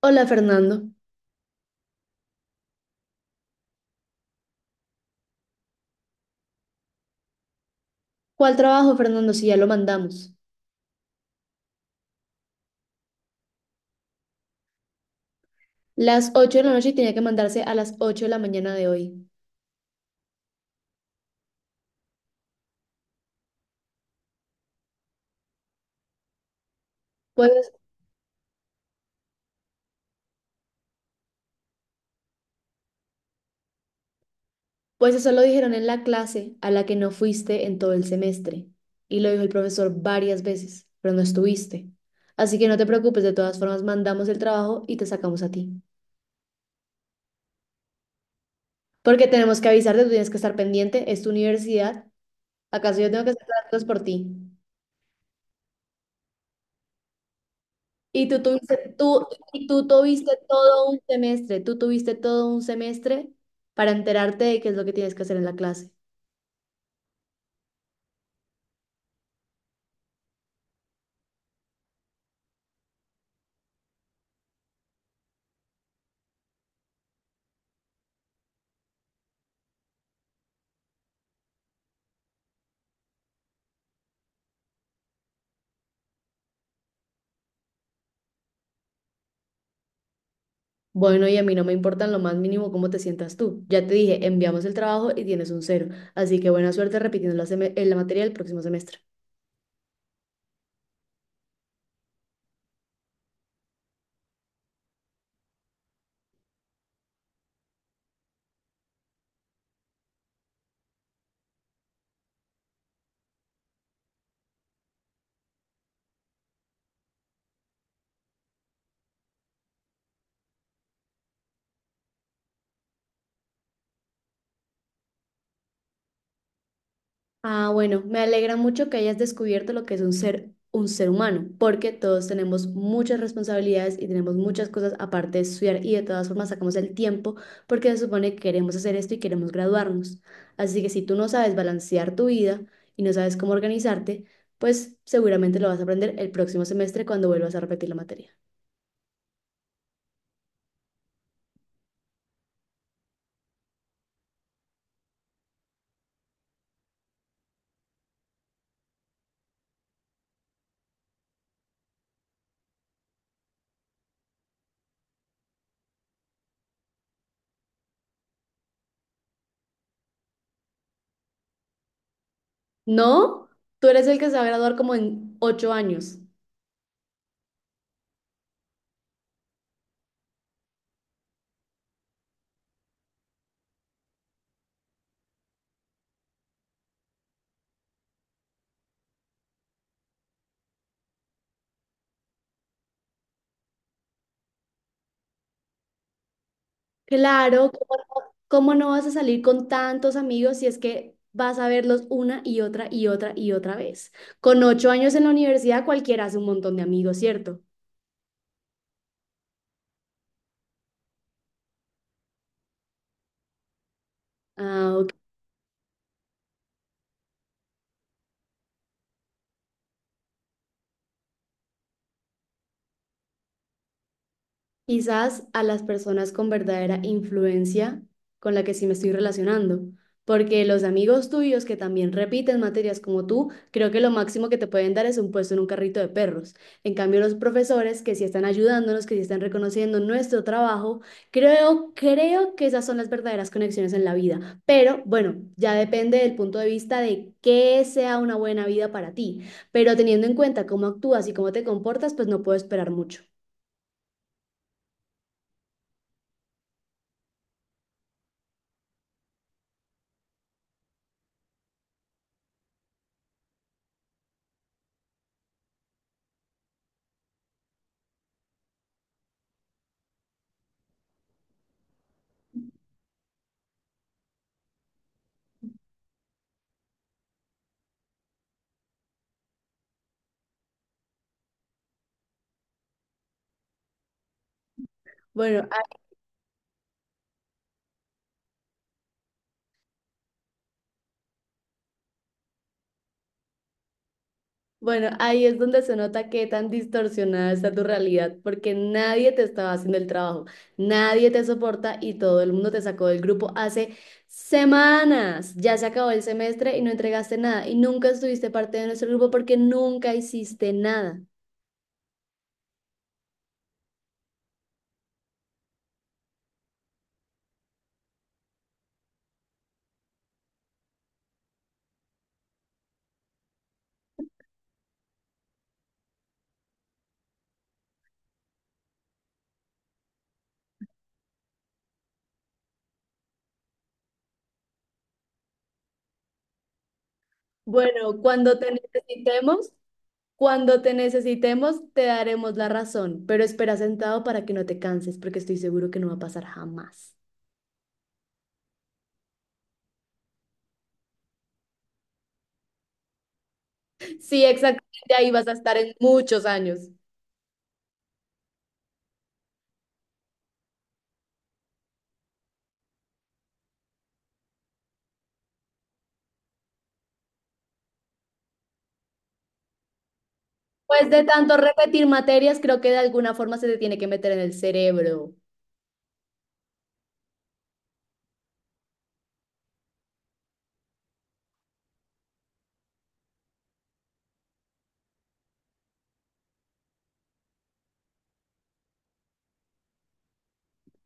Hola Fernando. ¿Cuál trabajo, Fernando, si ya lo mandamos? Las 8 de la noche y tenía que mandarse a las 8 de la mañana de hoy. Pues, pues eso lo dijeron en la clase a la que no fuiste en todo el semestre. Y lo dijo el profesor varias veces, pero no estuviste. Así que no te preocupes, de todas formas mandamos el trabajo y te sacamos a ti. Porque tenemos que avisarte, tú tienes que estar pendiente, es tu universidad. ¿Acaso yo tengo que hacer las cosas por ti? Y tú tuviste, tú, y tú tuviste todo un semestre, tú tuviste todo un semestre para enterarte de qué es lo que tienes que hacer en la clase. Bueno, y a mí no me importa en lo más mínimo cómo te sientas tú. Ya te dije, enviamos el trabajo y tienes un cero. Así que buena suerte repitiendo la, la materia el próximo semestre. Ah, bueno, me alegra mucho que hayas descubierto lo que es un ser humano, porque todos tenemos muchas responsabilidades y tenemos muchas cosas aparte de estudiar y de todas formas sacamos el tiempo porque se supone que queremos hacer esto y queremos graduarnos. Así que si tú no sabes balancear tu vida y no sabes cómo organizarte, pues seguramente lo vas a aprender el próximo semestre cuando vuelvas a repetir la materia. ¿No? Tú eres el que se va a graduar como en 8 años. Claro, ¿cómo no vas a salir con tantos amigos si es que vas a verlos una y otra y otra y otra vez? Con 8 años en la universidad cualquiera hace un montón de amigos, ¿cierto? Ah, quizás a las personas con verdadera influencia con la que sí me estoy relacionando, porque los amigos tuyos que también repiten materias como tú, creo que lo máximo que te pueden dar es un puesto en un carrito de perros. En cambio, los profesores que sí están ayudándonos, que sí están reconociendo nuestro trabajo, creo que esas son las verdaderas conexiones en la vida. Pero bueno, ya depende del punto de vista de qué sea una buena vida para ti. Pero teniendo en cuenta cómo actúas y cómo te comportas, pues no puedo esperar mucho. Bueno, bueno, ahí es donde se nota qué tan distorsionada está tu realidad, porque nadie te estaba haciendo el trabajo, nadie te soporta y todo el mundo te sacó del grupo hace semanas. Ya se acabó el semestre y no entregaste nada y nunca estuviste parte de nuestro grupo porque nunca hiciste nada. Bueno, cuando te necesitemos, te daremos la razón, pero espera sentado para que no te canses, porque estoy seguro que no va a pasar jamás. Sí, exactamente, ahí vas a estar en muchos años. Pues de tanto repetir materias, creo que de alguna forma se te tiene que meter en el cerebro.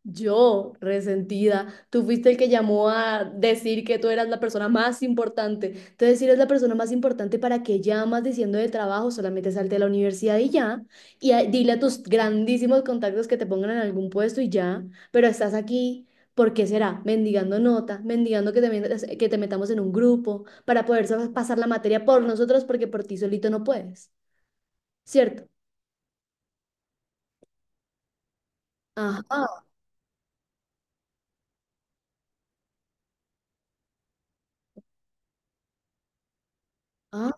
Yo, resentida, tú fuiste el que llamó a decir que tú eras la persona más importante. Entonces, si eres la persona más importante, ¿para qué llamas diciendo de trabajo? Solamente salte a la universidad y ya. Dile a tus grandísimos contactos que te pongan en algún puesto y ya. Pero estás aquí, ¿por qué será? Mendigando nota, mendigando que que te metamos en un grupo para poder pasar la materia por nosotros porque por ti solito no puedes, ¿cierto? Ajá, ah,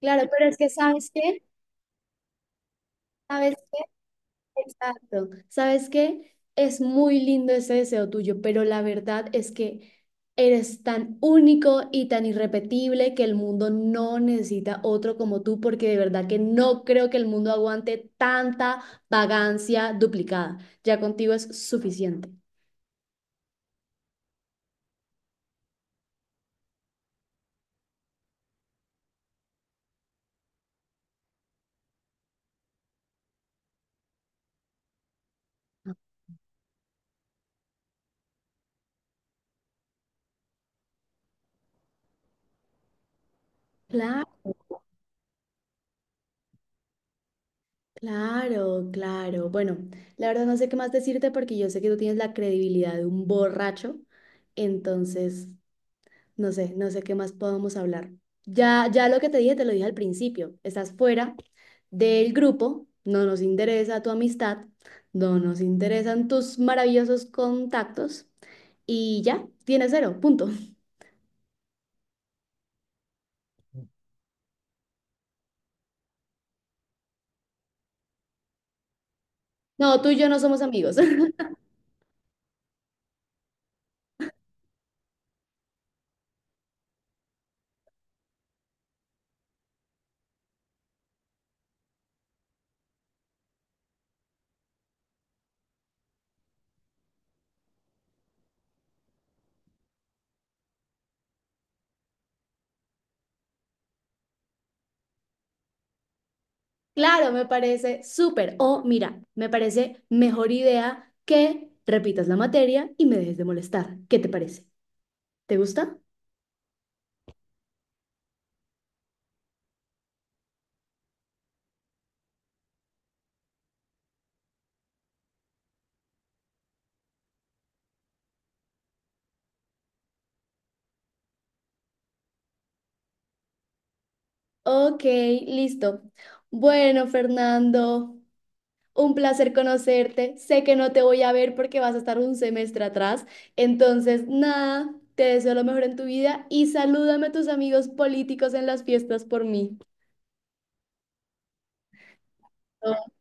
claro, pero es que ¿sabes qué? ¿Sabes qué? Exacto. ¿Sabes qué? Es muy lindo ese deseo tuyo, pero la verdad es que eres tan único y tan irrepetible que el mundo no necesita otro como tú, porque de verdad que no creo que el mundo aguante tanta vagancia duplicada. Ya contigo es suficiente. Claro. Claro, claro. Bueno, la verdad no sé qué más decirte porque yo sé que tú tienes la credibilidad de un borracho, entonces no sé qué más podemos hablar. Ya, ya lo que te dije, te lo dije al principio. Estás fuera del grupo, no nos interesa tu amistad, no nos interesan tus maravillosos contactos y ya, tienes cero, punto. No, tú y yo no somos amigos. Claro, me parece súper. O mira, me parece mejor idea que repitas la materia y me dejes de molestar. ¿Qué te parece? ¿Te gusta? Ok, listo. Bueno, Fernando, un placer conocerte. Sé que no te voy a ver porque vas a estar un semestre atrás. Entonces, nada, te deseo lo mejor en tu vida y salúdame a tus amigos políticos en las fiestas por mí.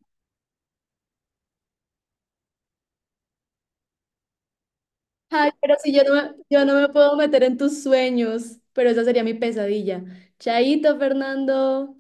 Ay, pero si yo no me puedo meter en tus sueños, pero esa sería mi pesadilla. Chaito, Fernando.